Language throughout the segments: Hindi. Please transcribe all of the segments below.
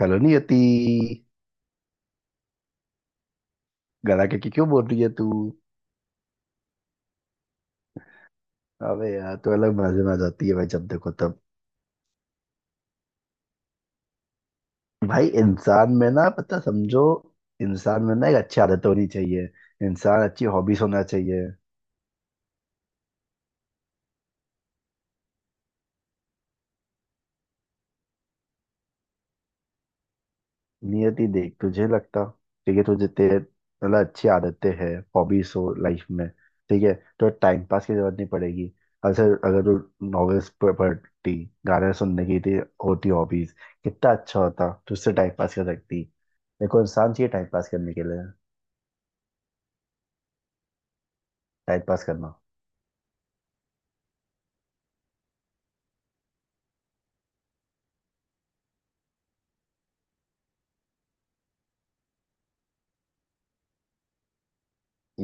हेलो नियति। गला के क्यों बोल रही है तू। अबे यार, तू अलग मजे में आ जाती है भाई जब देखो तब। भाई इंसान में ना पता समझो। इंसान में ना एक अच्छी आदत होनी चाहिए। इंसान अच्छी हॉबीज होना चाहिए। नियति देख, तुझे लगता ठीक है तुझे तेरे मतलब अच्छी आदतें हैं हॉबीज हो लाइफ में, ठीक है, तो टाइम पास की जरूरत नहीं पड़ेगी। अगर अगर तू नॉवेल्स पढ़ती, गाने सुनने की थी, होती हॉबीज, कितना अच्छा होता, तू उससे टाइम पास कर सकती। देखो इंसान चाहिए टाइम पास करने के लिए। टाइम पास करना।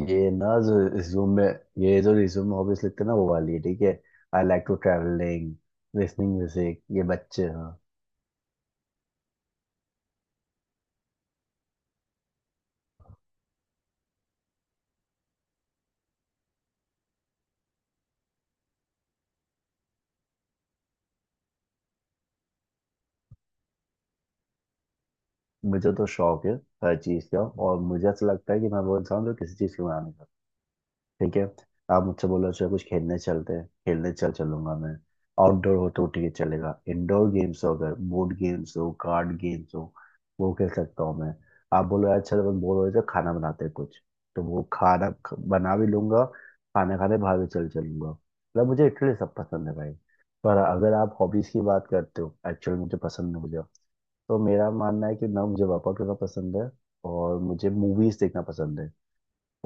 ये ना जो रिज्यूम में, ये जो रिज्यूम में हॉबीज लिखते हैं ना वो वाली है, ठीक है। I like to travelling, listening music, ये बच्चे हैं। मुझे तो शौक है हर चीज का। और मुझे ऐसा लगता है कि मैं वो इंसान हूँ जो किसी चीज की मना नहीं करता, ठीक है। आप मुझसे बोलो चलो कुछ खेलने चलते हैं, खेलने चल चलूंगा मैं। आउटडोर हो तो ठीक है चलेगा, इंडोर गेम्स हो, अगर बोर्ड गेम्स हो, कार्ड गेम्स हो, वो खेल सकता हूँ मैं। आप बोलो यार चलो बस बोर हो रहे हैं, तो खाना बनाते हैं कुछ, तो वो खाना बना भी लूंगा। खाना खाने बाहर भी चल चलूंगा, मतलब मुझे इटली सब पसंद है भाई। पर अगर आप हॉबीज की बात करते हो एक्चुअली मुझे पसंद है मुझे, तो मेरा मानना है कि ना मुझे वर्कआउट करना पसंद है। और मुझे मूवीज देखना पसंद है।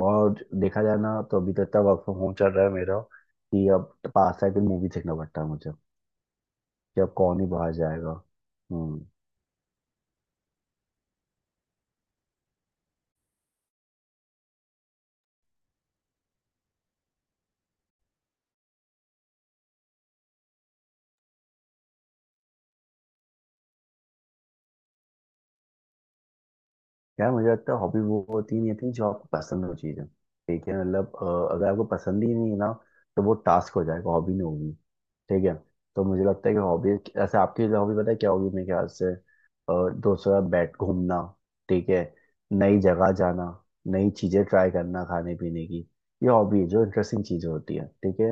और देखा जाए ना तो अभी तो इतना वर्क फ्रॉम होम चल रहा है मेरा कि अब पास आके मूवी देखना पड़ता है मुझे, कि अब कौन ही बाहर जाएगा। हम्म। यार मुझे लगता है हॉबी वो होती नहीं होती जो आपको पसंद हो चीज़ें, ठीक है, मतलब अगर आपको पसंद ही नहीं है ना तो वो टास्क हो जाएगा, हॉबी नहीं होगी, ठीक है। तो मुझे लगता है कि हॉबी, ऐसे आपकी हॉबी पता है क्या होगी मेरे ख्याल से, दोस्तों के साथ बैठ घूमना, ठीक है, नई जगह जाना, नई चीज़ें ट्राई करना खाने पीने की, ये हॉबी है, जो इंटरेस्टिंग चीज़ें होती है, ठीक है।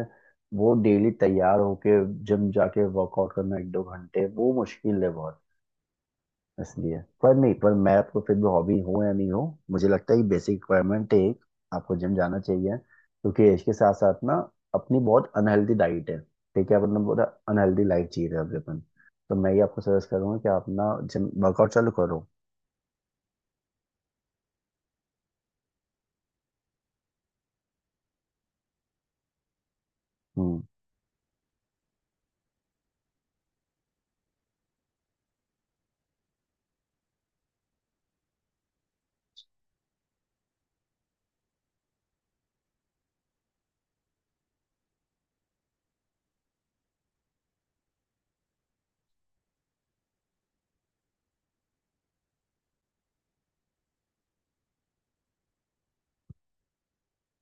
वो डेली तैयार होके जिम जाके वर्कआउट करना एक दो घंटे, वो मुश्किल है बहुत इसलिए। पर नहीं, पर मैं आपको फिर भी, हॉबी हो या नहीं हो, मुझे लगता है ये बेसिक रिक्वायरमेंट है एक, आपको जिम जाना चाहिए, क्योंकि इसके साथ साथ ना अपनी बहुत अनहेल्दी डाइट है, ठीक है, मतलब बहुत अनहेल्दी लाइफ जी रहे हैं अभी अपन। तो मैं ये आपको सजेस्ट करूंगा कि आप ना जिम वर्कआउट चालू करो। हम्म।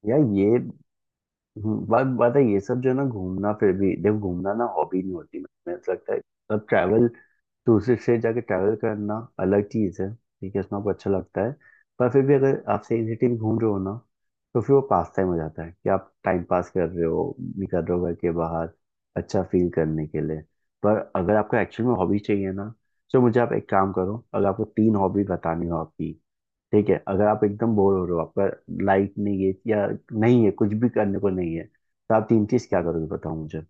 यार ये, बात बात है ये सब जो है ना, घूमना, फिर भी देखो घूमना ना हॉबी नहीं होती मुझे ऐसा लगता है। अब ट्रैवल, दूसरे स्टेट जाके ट्रैवल करना अलग चीज़ है, ठीक है, उसमें आपको अच्छा लगता है। पर फिर भी अगर आप सही सिटी में घूम रहे हो ना, तो फिर वो पास टाइम हो जाता है कि आप टाइम पास कर रहे हो, निकल रहे हो घर के बाहर अच्छा फील करने के लिए। पर अगर आपको एक्चुअली में हॉबी चाहिए ना, तो मुझे आप एक काम करो, अगर आपको तीन हॉबी बतानी हो आपकी, ठीक है, अगर आप एकदम बोर हो रहे हो, आपका लाइट नहीं है या नहीं है कुछ भी, करने को नहीं है, तो आप तीन चीज क्या करोगे बताओ मुझे।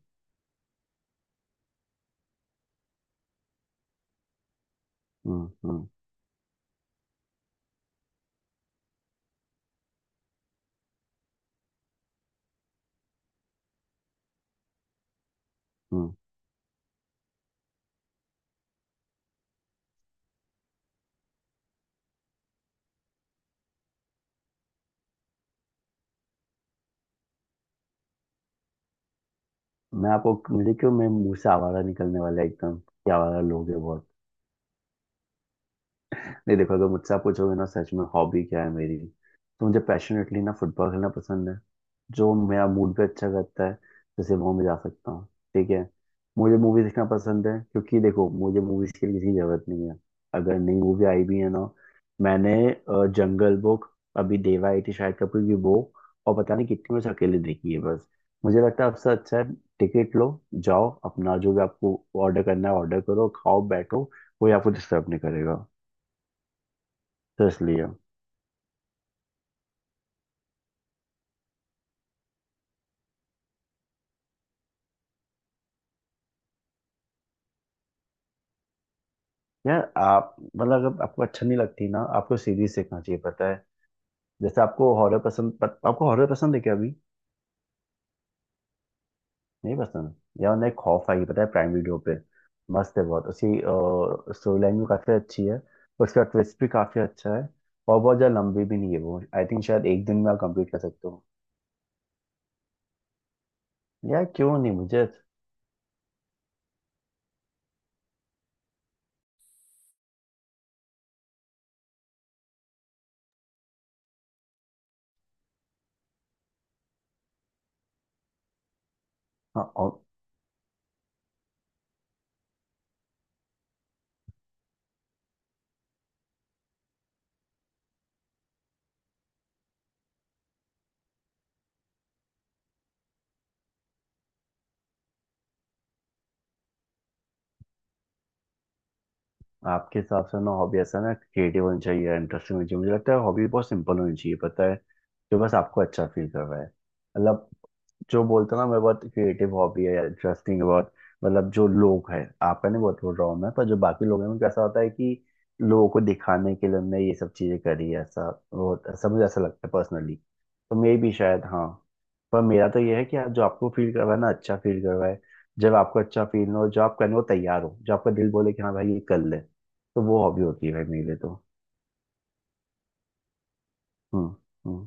हम्म हम्म हम्म। मैं आपको, देखो मैं, मुंह से आवारा निकलने वाला है एकदम, क्या आवारा लोग है बहुत। नहीं देखो, अगर मुझसे आप पूछोगे ना सच में हॉबी क्या है मेरी, तो मुझे पैशनेटली ना फुटबॉल खेलना पसंद है, जो मेरा मूड पे अच्छा करता है, जैसे वो मैं जा सकता हूँ, ठीक है। मुझे मूवी देखना पसंद है, क्योंकि देखो मुझे मूवीज के लिए किसी की जरूरत नहीं है। अगर नई मूवी आई भी है ना, मैंने जंगल बुक, अभी देवा आई थी शाहिद कपूर की, वो और पता नहीं कितनी बस अकेले देखी है बस। मुझे लगता है आपसे अच्छा है, टिकट लो जाओ, अपना जो भी आपको ऑर्डर करना है ऑर्डर करो, खाओ बैठो, कोई आपको डिस्टर्ब नहीं करेगा, तो इसलिए। यार आप मतलब अगर आपको अच्छा नहीं लगती ना, आपको सीरीज सीखना चाहिए पता है। जैसे आपको हॉरर पसंद आपको हॉरर पसंद है क्या अभी? नहीं पसंद। यार उन्हें खौफ आई पता है प्राइम वीडियो पे, मस्त है बहुत उसकी। स्टोरी लाइन भी काफी अच्छी है, उसका ट्विस्ट भी काफी अच्छा है, और बहुत ज्यादा लंबी भी नहीं है वो, आई थिंक शायद एक दिन में आप कंप्लीट कर सकते हो। यार क्यों नहीं मुझे। हाँ। आपके हिसाब से ना हॉबी ऐसा ना क्रिएटिव होनी चाहिए इंटरेस्टिंग होनी चाहिए, मुझे लगता है हॉबी बहुत सिंपल होनी चाहिए पता है, जो बस आपको अच्छा फील कर रहा है, मतलब जो बोलते हैं ना मैं, बहुत क्रिएटिव हॉबी है इंटरेस्टिंग है बहुत, मतलब जो लोग हैं, आपका नहीं बहुत बोल रहा हूँ मैं, पर जो बाकी लोग हैं उनको ऐसा होता है कि लोगों को दिखाने के लिए हमने ये सब चीजें करी है ऐसा, वो ऐसा मुझे ऐसा लगता है पर्सनली तो, मे भी शायद, हाँ। पर मेरा तो ये है कि आप जो आपको फील करवाए ना अच्छा फील करवाए, जब आपको अच्छा फील हो, जो आप करने को तैयार हो, जो आपका दिल बोले कि हाँ भाई ये कर ले, तो वो हॉबी होती है भाई मेरे लिए तो। हम्म हम्म।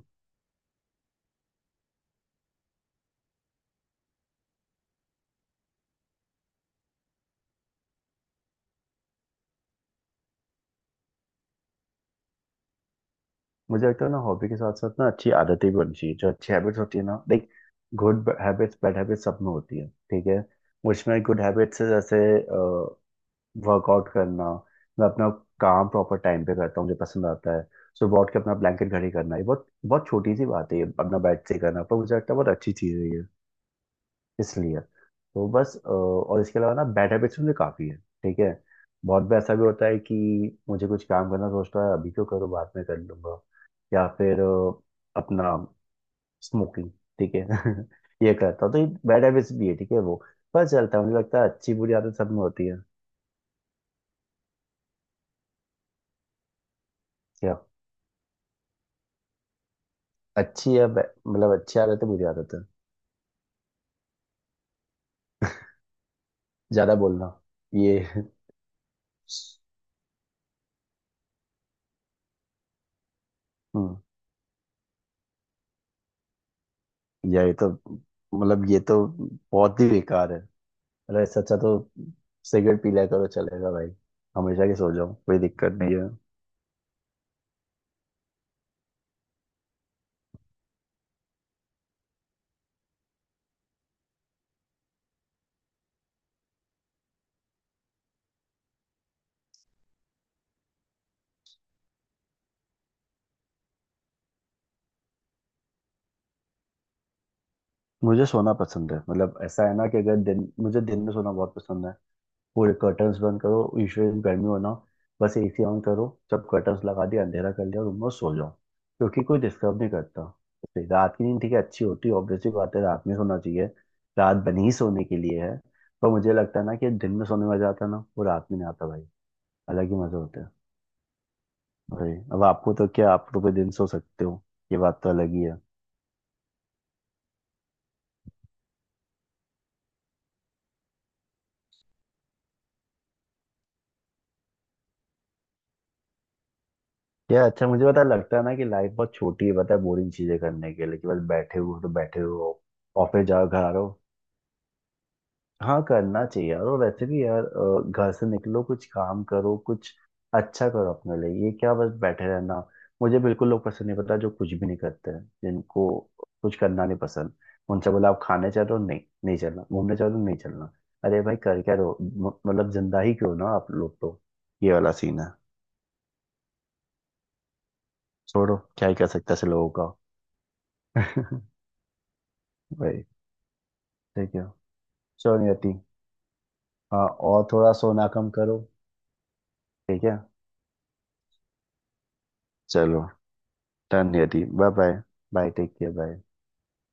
मुझे लगता है ना हॉबी के साथ साथ ना अच्छी आदतें भी होनी चाहिए, जो अच्छी हैबिट्स होती है ना like, good habits bad habits सब में होती है ठीक है। मुझमें गुड हैबिट्स है जैसे वर्कआउट करना, मैं अपना काम प्रॉपर टाइम पे करता हूँ, मुझे पसंद आता है। सुबह उठ के अपना ब्लैंकेट घड़ी करना, ये बहुत बहुत छोटी सी बात है ये अपना बेड से करना, पर मुझे लगता है बहुत अच्छी चीज़ है ये इसलिए। तो बस और इसके अलावा ना बैड हैबिट्स मुझे काफ़ी है, ठीक है। बहुत बार ऐसा भी होता है कि मुझे कुछ काम करना सोचता है अभी क्यों करूँ बाद में कर लूंगा, या फिर अपना स्मोकिंग, ठीक है ये करता हूँ, तो ये बैड हैबिट्स भी है, ठीक है वो। पर चलता है, मुझे लगता है अच्छी बुरी आदत सब में होती है। क्या? अच्छी है मतलब अच्छी आदत है बुरी आदत है? ज़्यादा बोलना, ये हम्म, ये तो, मतलब ये तो बहुत ही बेकार है। अरे इससे अच्छा तो सिगरेट पी लिया करो, चलेगा भाई। हमेशा की सो जाओ, कोई दिक्कत नहीं है। मुझे सोना पसंद है, मतलब ऐसा है ना कि अगर दिन, मुझे दिन में सोना बहुत पसंद है। पूरे कर्टन्स बंद करो, यूजुअली गर्मी होना, बस एसी ऑन करो, जब कर्टन्स लगा दिया अंधेरा कर लिया रूम में, सो जाओ, क्योंकि कोई डिस्टर्ब नहीं करता। तो रात की नींद ठीक है अच्छी होती है, ऑब्वियसली बात है रात में सोना चाहिए, रात बनी ही सोने के लिए है, पर मुझे लगता है ना कि दिन में सोने में मजा आता है ना वो रात में नहीं आता भाई, अलग ही मजा होता है। भाई अब आपको तो क्या, आप तो कोई दिन सो सकते हो, ये बात तो अलग ही है। क्या अच्छा? मुझे पता है, लगता है ना कि लाइफ बहुत छोटी है पता है बोरिंग चीजें करने के लिए, कि बस बैठे हुए हो तो बैठे हुए हो, ऑफिस जाओ घर आ रहे हो। हाँ करना चाहिए यार, और वैसे भी यार घर से निकलो, कुछ काम करो, कुछ अच्छा करो अपने लिए, ये क्या बस बैठे रहना। मुझे बिल्कुल लोग पसंद नहीं पता जो कुछ भी नहीं करते हैं, जिनको कुछ करना नहीं पसंद। उनसे बोला आप खाने चलो, नहीं नहीं चलना, घूमने चलो, नहीं चलना। अरे भाई कर क्या रहो मतलब जिंदा ही क्यों ना आप लोग तो, ये वाला सीन है। छोड़ो क्या ही कर सकते हैं ऐसे लोगों का। भाई, ठीक है। चलो नियति, हाँ और थोड़ा सोना कम करो। ठीक है। चलो, डन यदि bye bye, bye take care bye.